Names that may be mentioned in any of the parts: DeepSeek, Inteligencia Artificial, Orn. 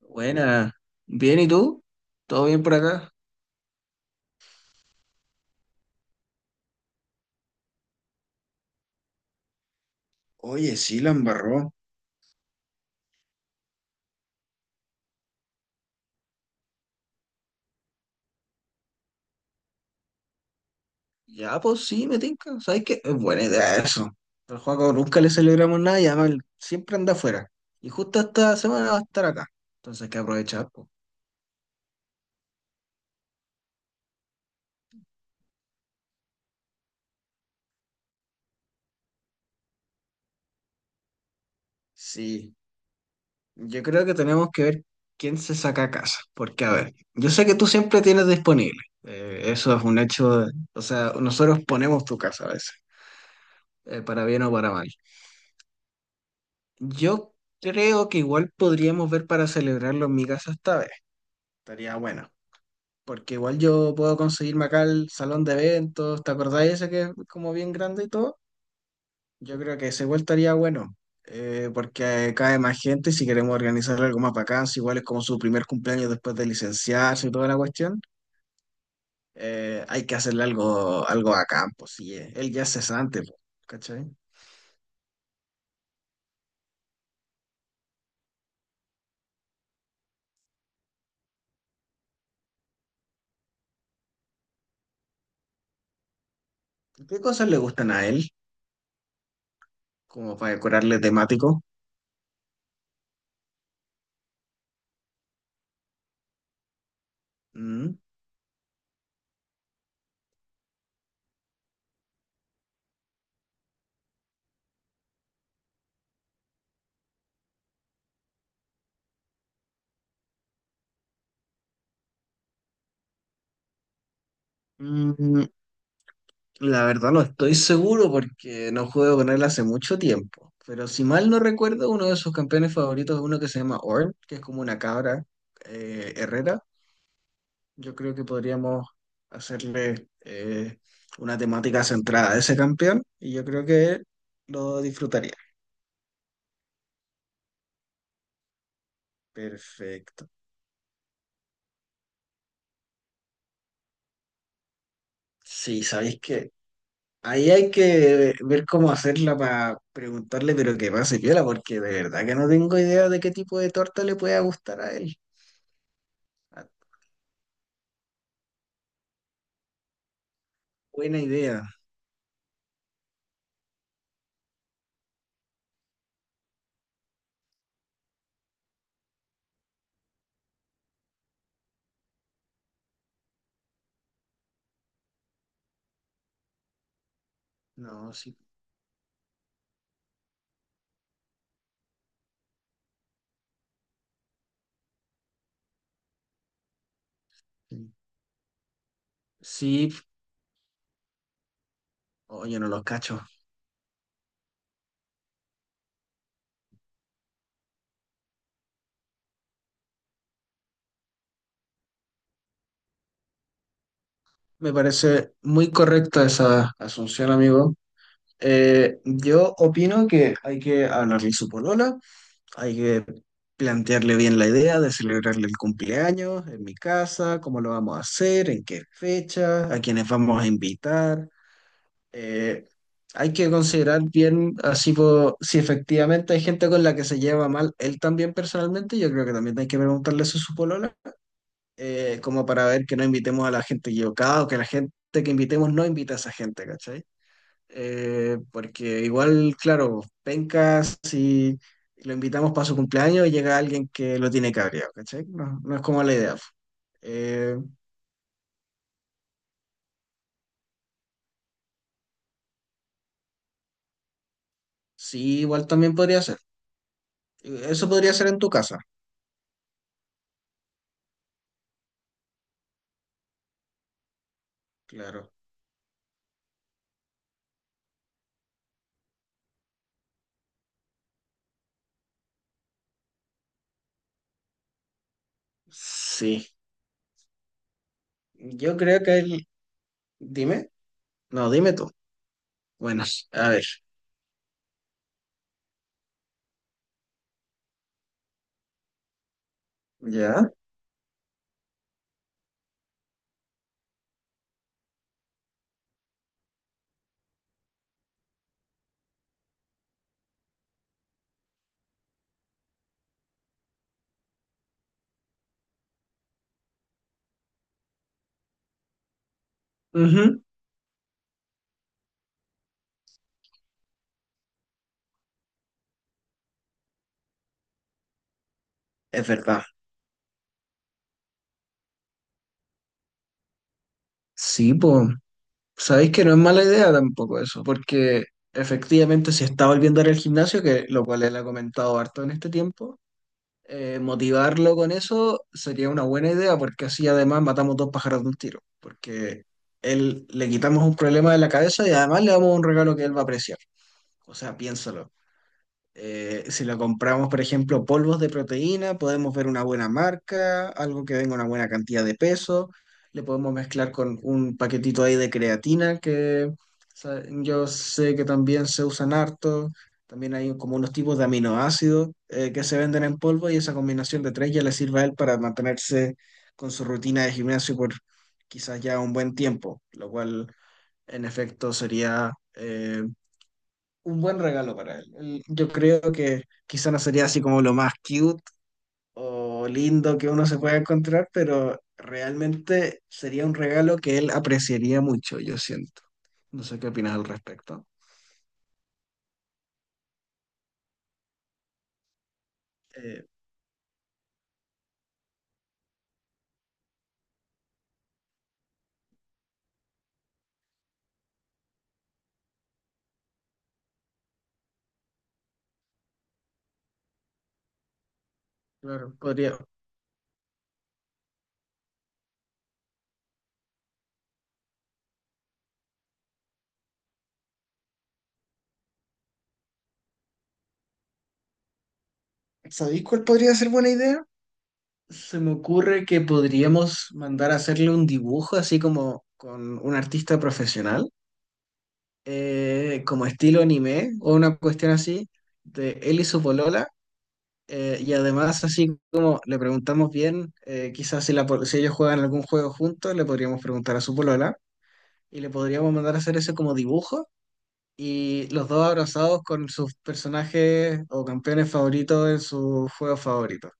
Buena, bien, ¿y tú? ¿Todo bien por acá? Oye, sí, la embarró. Ya, pues sí, me tinca. ¿Sabes qué? Es buena idea eso. Al Juaco nunca le celebramos nada y además él siempre anda afuera. Y justo esta semana va a estar acá. Entonces hay que aprovechar, pues. Sí, yo creo que tenemos que ver quién se saca a casa. Porque, a ver, yo sé que tú siempre tienes disponible. Eso es un hecho. O sea, nosotros ponemos tu casa a veces, para bien o para mal. Yo creo que igual podríamos ver para celebrarlo en mi casa esta vez. Estaría bueno. Porque igual yo puedo conseguirme acá el salón de eventos. ¿Te acordáis ese que es como bien grande y todo? Yo creo que ese igual estaría bueno. Porque cae más gente y si queremos organizar algo más bacán, si igual es como su primer cumpleaños después de licenciarse y toda la cuestión, hay que hacerle algo, algo bacán, pues sí. Él ya es cesante, pues, ¿cachai? ¿Qué cosas le gustan a él? Como para decorarle temático. ¿Mm? Mm, La verdad no estoy seguro porque no juego con él hace mucho tiempo. Pero si mal no recuerdo, uno de sus campeones favoritos es uno que se llama Orn, que es como una cabra herrera. Yo creo que podríamos hacerle una temática centrada a ese campeón y yo creo que lo disfrutaría. Perfecto. Sí, sabéis que ahí hay que ver cómo hacerla para preguntarle, pero que pase piola, porque de verdad que no tengo idea de qué tipo de torta le pueda gustar a él. Buena idea. No, sí. Sí, sí, oye, no los cacho. Me parece muy correcta esa asunción, amigo. Yo opino que hay que hablarle a su polola, hay que plantearle bien la idea de celebrarle el cumpleaños en mi casa, cómo lo vamos a hacer, en qué fecha, a quiénes vamos a invitar. Eh, Hay que considerar bien, así po- si efectivamente hay gente con la que se lleva mal, él también personalmente, yo creo que también hay que preguntarle eso a su polola como para ver que no invitemos a la gente equivocada o que la gente que invitemos no invite a esa gente, ¿cachai? Porque igual, claro, penca si lo invitamos para su cumpleaños y llega alguien que lo tiene cabreado, ¿cachai? No, no es como la idea. Eh, sí, igual también podría ser. Eso podría ser en tu casa, claro. Sí, yo creo que el... Dime, no, dime tú. Bueno, a ver, ya. Ujú, es verdad. Sí, pues. Sabéis que no es mala idea tampoco eso, porque efectivamente si está volviendo a ir al gimnasio, que lo cual él ha comentado harto en este tiempo, motivarlo con eso sería una buena idea, porque así además matamos dos pájaros de un tiro, porque él le quitamos un problema de la cabeza y además le damos un regalo que él va a apreciar. O sea, piénsalo. Si lo compramos, por ejemplo, polvos de proteína, podemos ver una buena marca, algo que venga una buena cantidad de peso. Le podemos mezclar con un paquetito ahí de creatina que yo sé que también se usan harto. También hay como unos tipos de aminoácidos que se venden en polvo y esa combinación de tres ya le sirve a él para mantenerse con su rutina de gimnasio por quizás ya un buen tiempo, lo cual en efecto sería un buen regalo para él. Yo creo que quizá no sería así como lo más cute o lindo que uno se pueda encontrar, pero realmente sería un regalo que él apreciaría mucho, yo siento. No sé qué opinas al respecto. Eh, claro, podría. ¿Sabéis cuál podría ser buena idea? Se me ocurre que podríamos mandar a hacerle un dibujo así como con un artista profesional, como estilo anime o una cuestión así, de él y su polola. Y además, así como le preguntamos bien, quizás si, la, po- si ellos juegan algún juego juntos, le podríamos preguntar a su polola y le podríamos mandar a hacer ese como dibujo y los dos abrazados con sus personajes o campeones favoritos en sus juegos favoritos.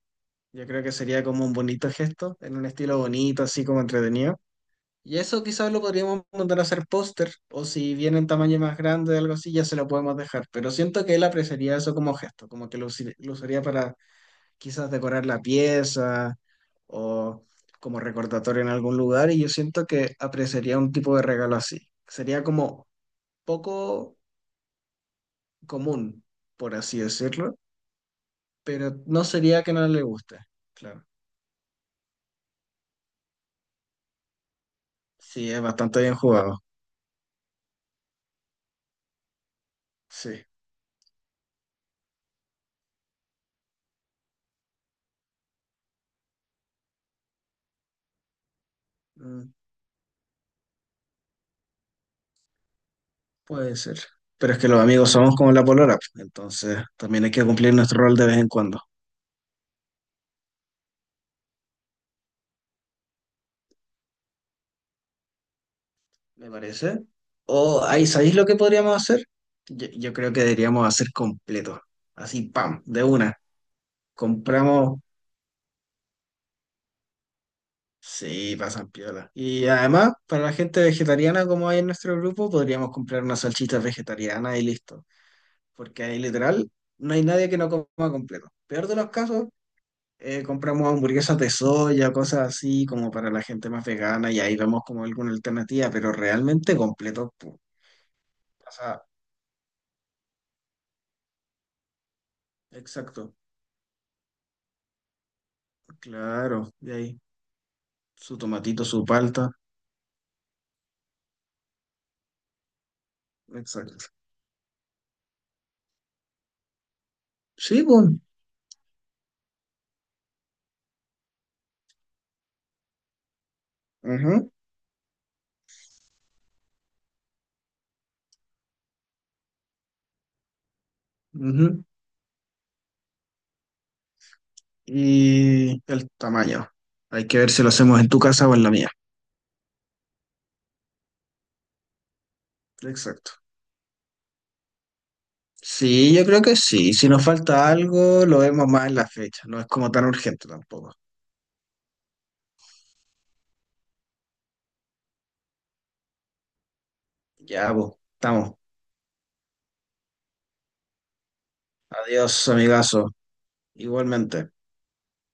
Yo creo que sería como un bonito gesto, en un estilo bonito, así como entretenido. Y eso quizás lo podríamos mandar a hacer póster, o si viene en tamaño más grande o algo así, ya se lo podemos dejar. Pero siento que él apreciaría eso como gesto, como que lo usaría para quizás decorar la pieza o como recordatorio en algún lugar y yo siento que apreciaría un tipo de regalo así. Sería como poco común, por así decirlo, pero no sería que no le guste. Claro. Sí, es bastante bien jugado. Sí, mm, puede ser. Pero es que los amigos somos como la polola, entonces también hay que cumplir nuestro rol de vez en cuando. ¿Me parece? O ahí, ¿sabéis lo que podríamos hacer? Yo creo que deberíamos hacer completo. Así, pam, de una. Compramos, sí, pasan piola. Y además, para la gente vegetariana, como hay en nuestro grupo, podríamos comprar unas salchichas vegetarianas y listo. Porque ahí literal no hay nadie que no coma completo. Peor de los casos, compramos hamburguesas de soya, cosas así, como para la gente más vegana, y ahí vemos como alguna alternativa, pero realmente completo. Pu- O exacto, claro. Y ahí, su tomatito, su palta, exacto. Sí, pues. Ujú, ujú. Y el tamaño. Hay que ver si lo hacemos en tu casa o en la mía. Exacto. Sí, yo creo que sí. Si nos falta algo, lo vemos más en la fecha. No es como tan urgente tampoco. Ya, pues, estamos. Adiós, amigazo. Igualmente.